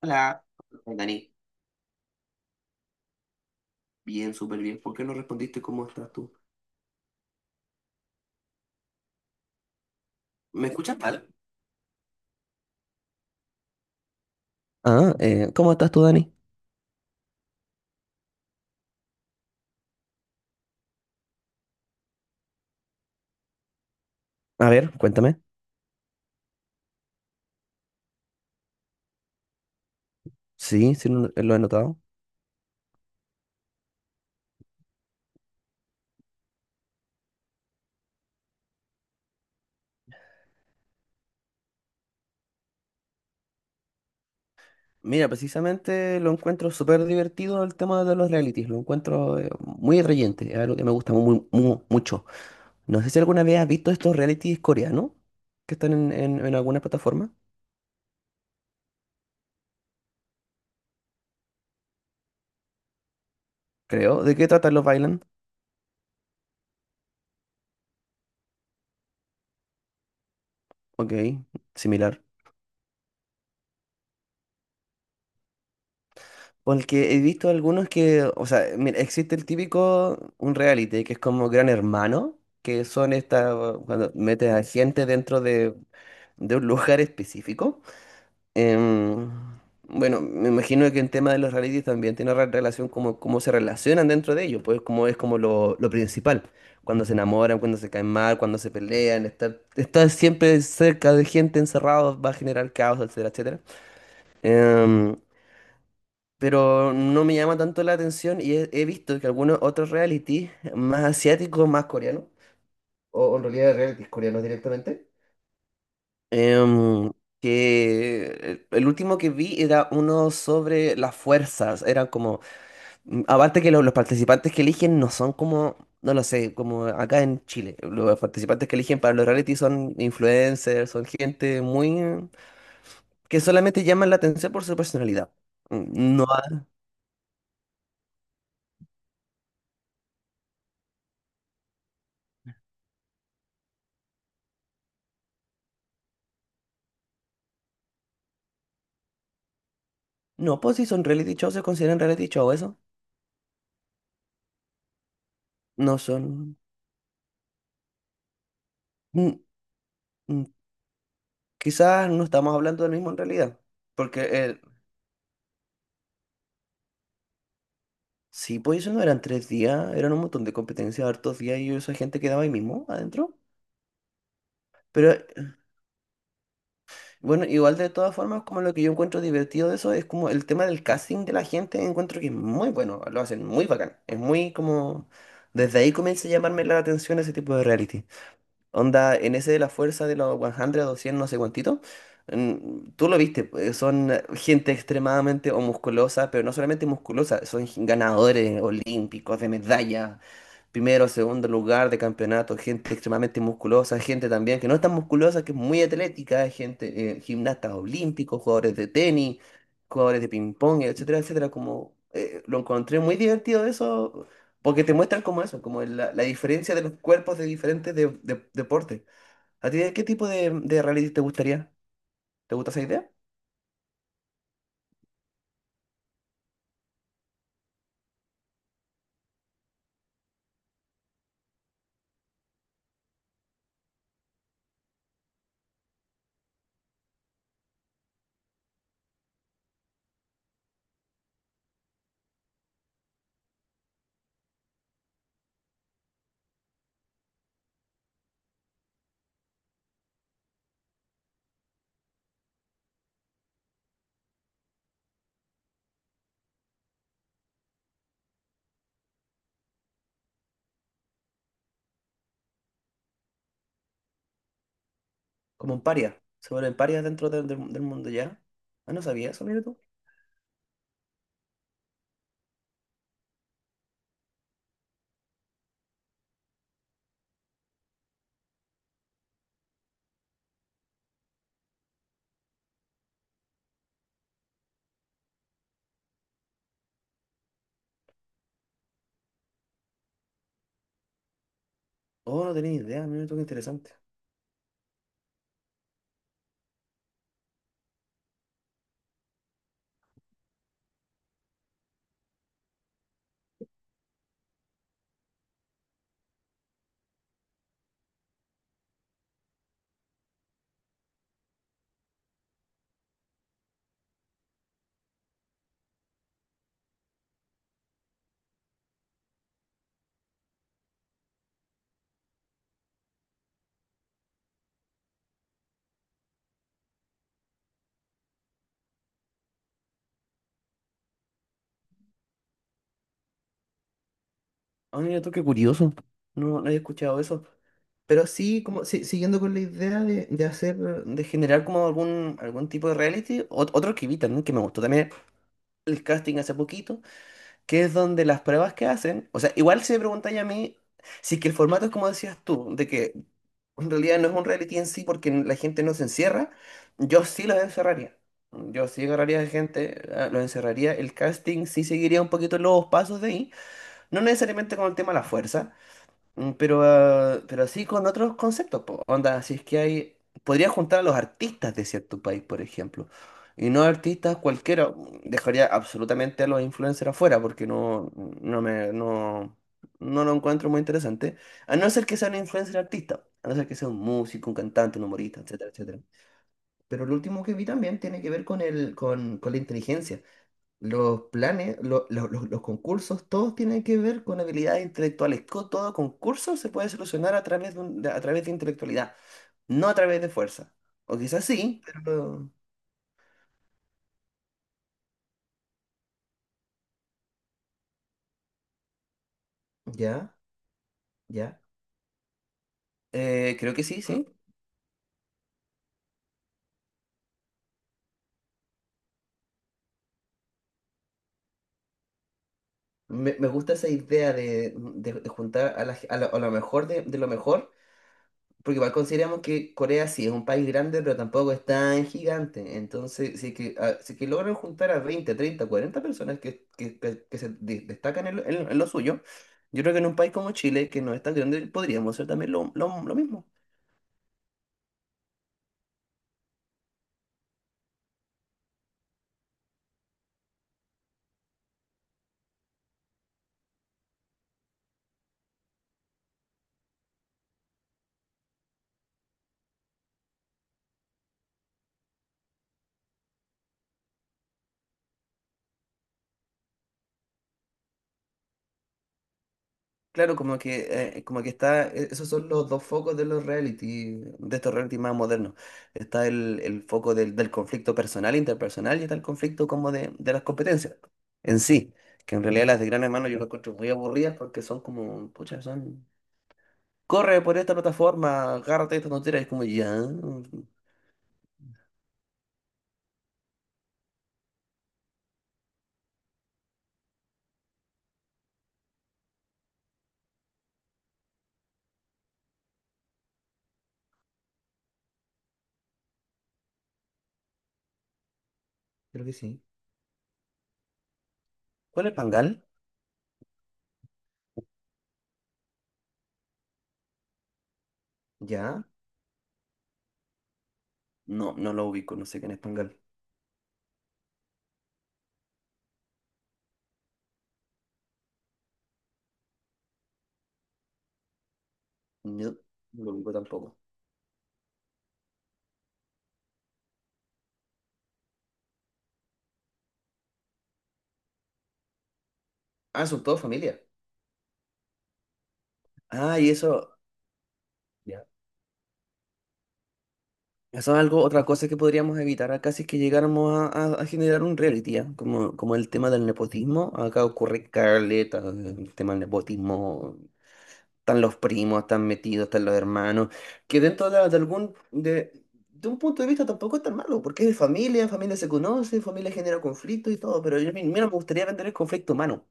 Hola, Dani. Bien, súper bien. ¿Por qué no respondiste cómo estás tú? ¿Me escuchas mal? Ah, ¿cómo estás tú, Dani? A ver, cuéntame. Sí, sí lo he notado. Mira, precisamente lo encuentro súper divertido el tema de los realities. Lo encuentro muy reyente, es algo que me gusta muy, mucho. No sé si alguna vez has visto estos realities coreanos que están en alguna plataforma, creo. ¿De qué tratan los Island? Ok, similar. Porque he visto algunos que, o sea, mira, existe el típico, un reality, que es como Gran Hermano, que son estas, cuando metes a gente dentro de un lugar específico. Em, bueno, me imagino que el tema de los realities también tiene relación como cómo se relacionan dentro de ellos, pues como es como lo principal. Cuando se enamoran, cuando se caen mal, cuando se pelean, estar siempre cerca de gente encerrado va a generar caos, etcétera, etcétera. Em, pero no me llama tanto la atención y he visto que algunos otros reality, más asiáticos, más coreanos, o en realidad realities coreanos directamente, em, que el último que vi era uno sobre las fuerzas, eran como, aparte que los participantes que eligen no son como, no lo sé, como acá en Chile, los participantes que eligen para los reality son influencers, son gente muy, que solamente llaman la atención por su personalidad. No, no, pues si son reality shows, se consideran reality show eso. No son. mm, mm, Quizás no estamos hablando del mismo en realidad. Porque el... sí, pues eso no eran 3 días, eran un montón de competencias, hartos días y esa gente quedaba ahí mismo, adentro. Pero bueno, igual de todas formas, como lo que yo encuentro divertido de eso es como el tema del casting de la gente, encuentro que es muy bueno, lo hacen muy bacán. Es muy como. Desde ahí comienza a llamarme la atención ese tipo de reality. Onda, en ese de la fuerza de los 100 o 100, no sé cuántito, tú lo viste, pues, son gente extremadamente o musculosa, pero no solamente musculosa, son ganadores olímpicos de medallas primero, segundo lugar de campeonato, gente extremadamente musculosa, gente también que no es tan musculosa, que es muy atlética, gente, gimnastas olímpicos, jugadores de tenis, jugadores de ping-pong, etcétera, etcétera. Como lo encontré muy divertido eso, porque te muestran como eso, como la diferencia de los cuerpos de diferentes deportes. ¿A ti de qué tipo de reality te gustaría? ¿Te gusta esa idea? Como un paria. Se vuelven parias dentro del mundo ya. Ah, no sabía eso, mira tú. Oh, no tenía ni idea, mira tú, qué interesante. Ah, mira tú, qué curioso. No, no había escuchado eso. Pero sí, como siguiendo con la idea de hacer, de generar como algún tipo de reality, otro que vi también que me gustó también el casting hace poquito, que es donde las pruebas que hacen, o sea, igual si me preguntáis a mí, si es que el formato es como decías tú, de que en realidad no es un reality en sí porque la gente no se encierra, yo sí los encerraría. Yo sí agarraría a gente, los encerraría, el casting sí seguiría un poquito los pasos de ahí, no necesariamente con el tema de la fuerza. Pero así con otros conceptos, po. Onda, si es que hay, podría juntar a los artistas de cierto país, por ejemplo, y no artistas cualquiera, dejaría absolutamente a los influencers afuera porque no, no me, no, no lo encuentro muy interesante, a no ser que sea un influencer artista, a no ser que sea un músico, un cantante, un humorista, etcétera, etcétera. Pero lo último que vi también tiene que ver con con la inteligencia. Los planes, los concursos, todos tienen que ver con habilidades intelectuales. Todo concurso se puede solucionar a través de, a través de intelectualidad, no a través de fuerza. O quizás sí, pero... Ya, ya. Creo que sí, sí. Me gusta esa idea de juntar a lo mejor de lo mejor. Porque igual consideramos que Corea sí es un país grande, pero tampoco es tan gigante. Entonces, si es que logran juntar a 20 30 40 personas que se destacan en lo suyo, yo creo que en un país como Chile, que no es tan grande, podríamos hacer también lo mismo. Claro, como que está, esos son los dos focos de los reality, de estos reality más modernos. Está el foco del conflicto personal, interpersonal, y está el conflicto como de las competencias en sí. Que en realidad las de Gran Hermano yo las encuentro muy aburridas porque son como, pucha, son, corre por esta plataforma, agárrate esta tontera, y es como, ya, creo que sí. ¿Cuál es Pangal? Ya, no, no lo ubico, no sé quién es Pangal. No, no lo ubico tampoco. Ah, son todos familia. Ah, y eso. Eso es algo, otra cosa que podríamos evitar acá si es que llegáramos a generar un reality, ¿ah? Como el tema del nepotismo, acá ocurre caleta, el tema del nepotismo, están los primos, están metidos, están los hermanos, que dentro de un punto de vista tampoco es tan malo, porque es de familia, familia se conoce, familia genera conflicto y todo, pero yo, mira, me gustaría vender el conflicto humano.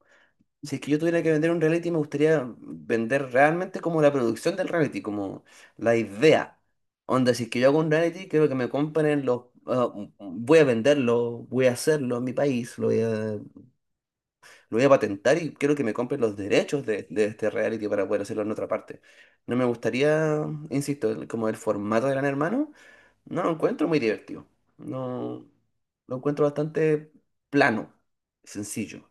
Si es que yo tuviera que vender un reality, me gustaría vender realmente como la producción del reality, como la idea. Onda, si es que yo hago un reality, quiero que me compren voy a venderlo, voy a hacerlo en mi país, lo voy a patentar y quiero que me compren los derechos de este reality para poder hacerlo en otra parte. No me gustaría, insisto, como el formato de Gran Hermano, no lo encuentro muy divertido. No, lo encuentro bastante plano, sencillo.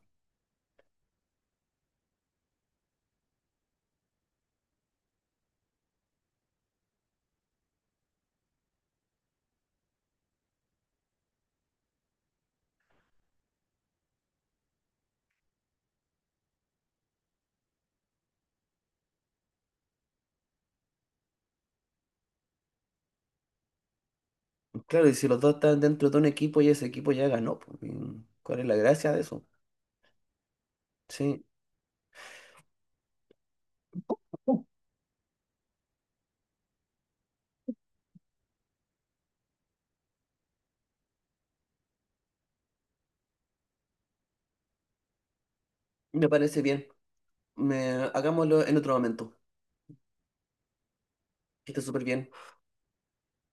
Claro, y si los dos están dentro de un equipo y ese equipo ya ganó, pues, y ¿cuál es la gracia de eso? Sí, me parece bien. Me, Hagámoslo en otro momento. Que esté súper bien.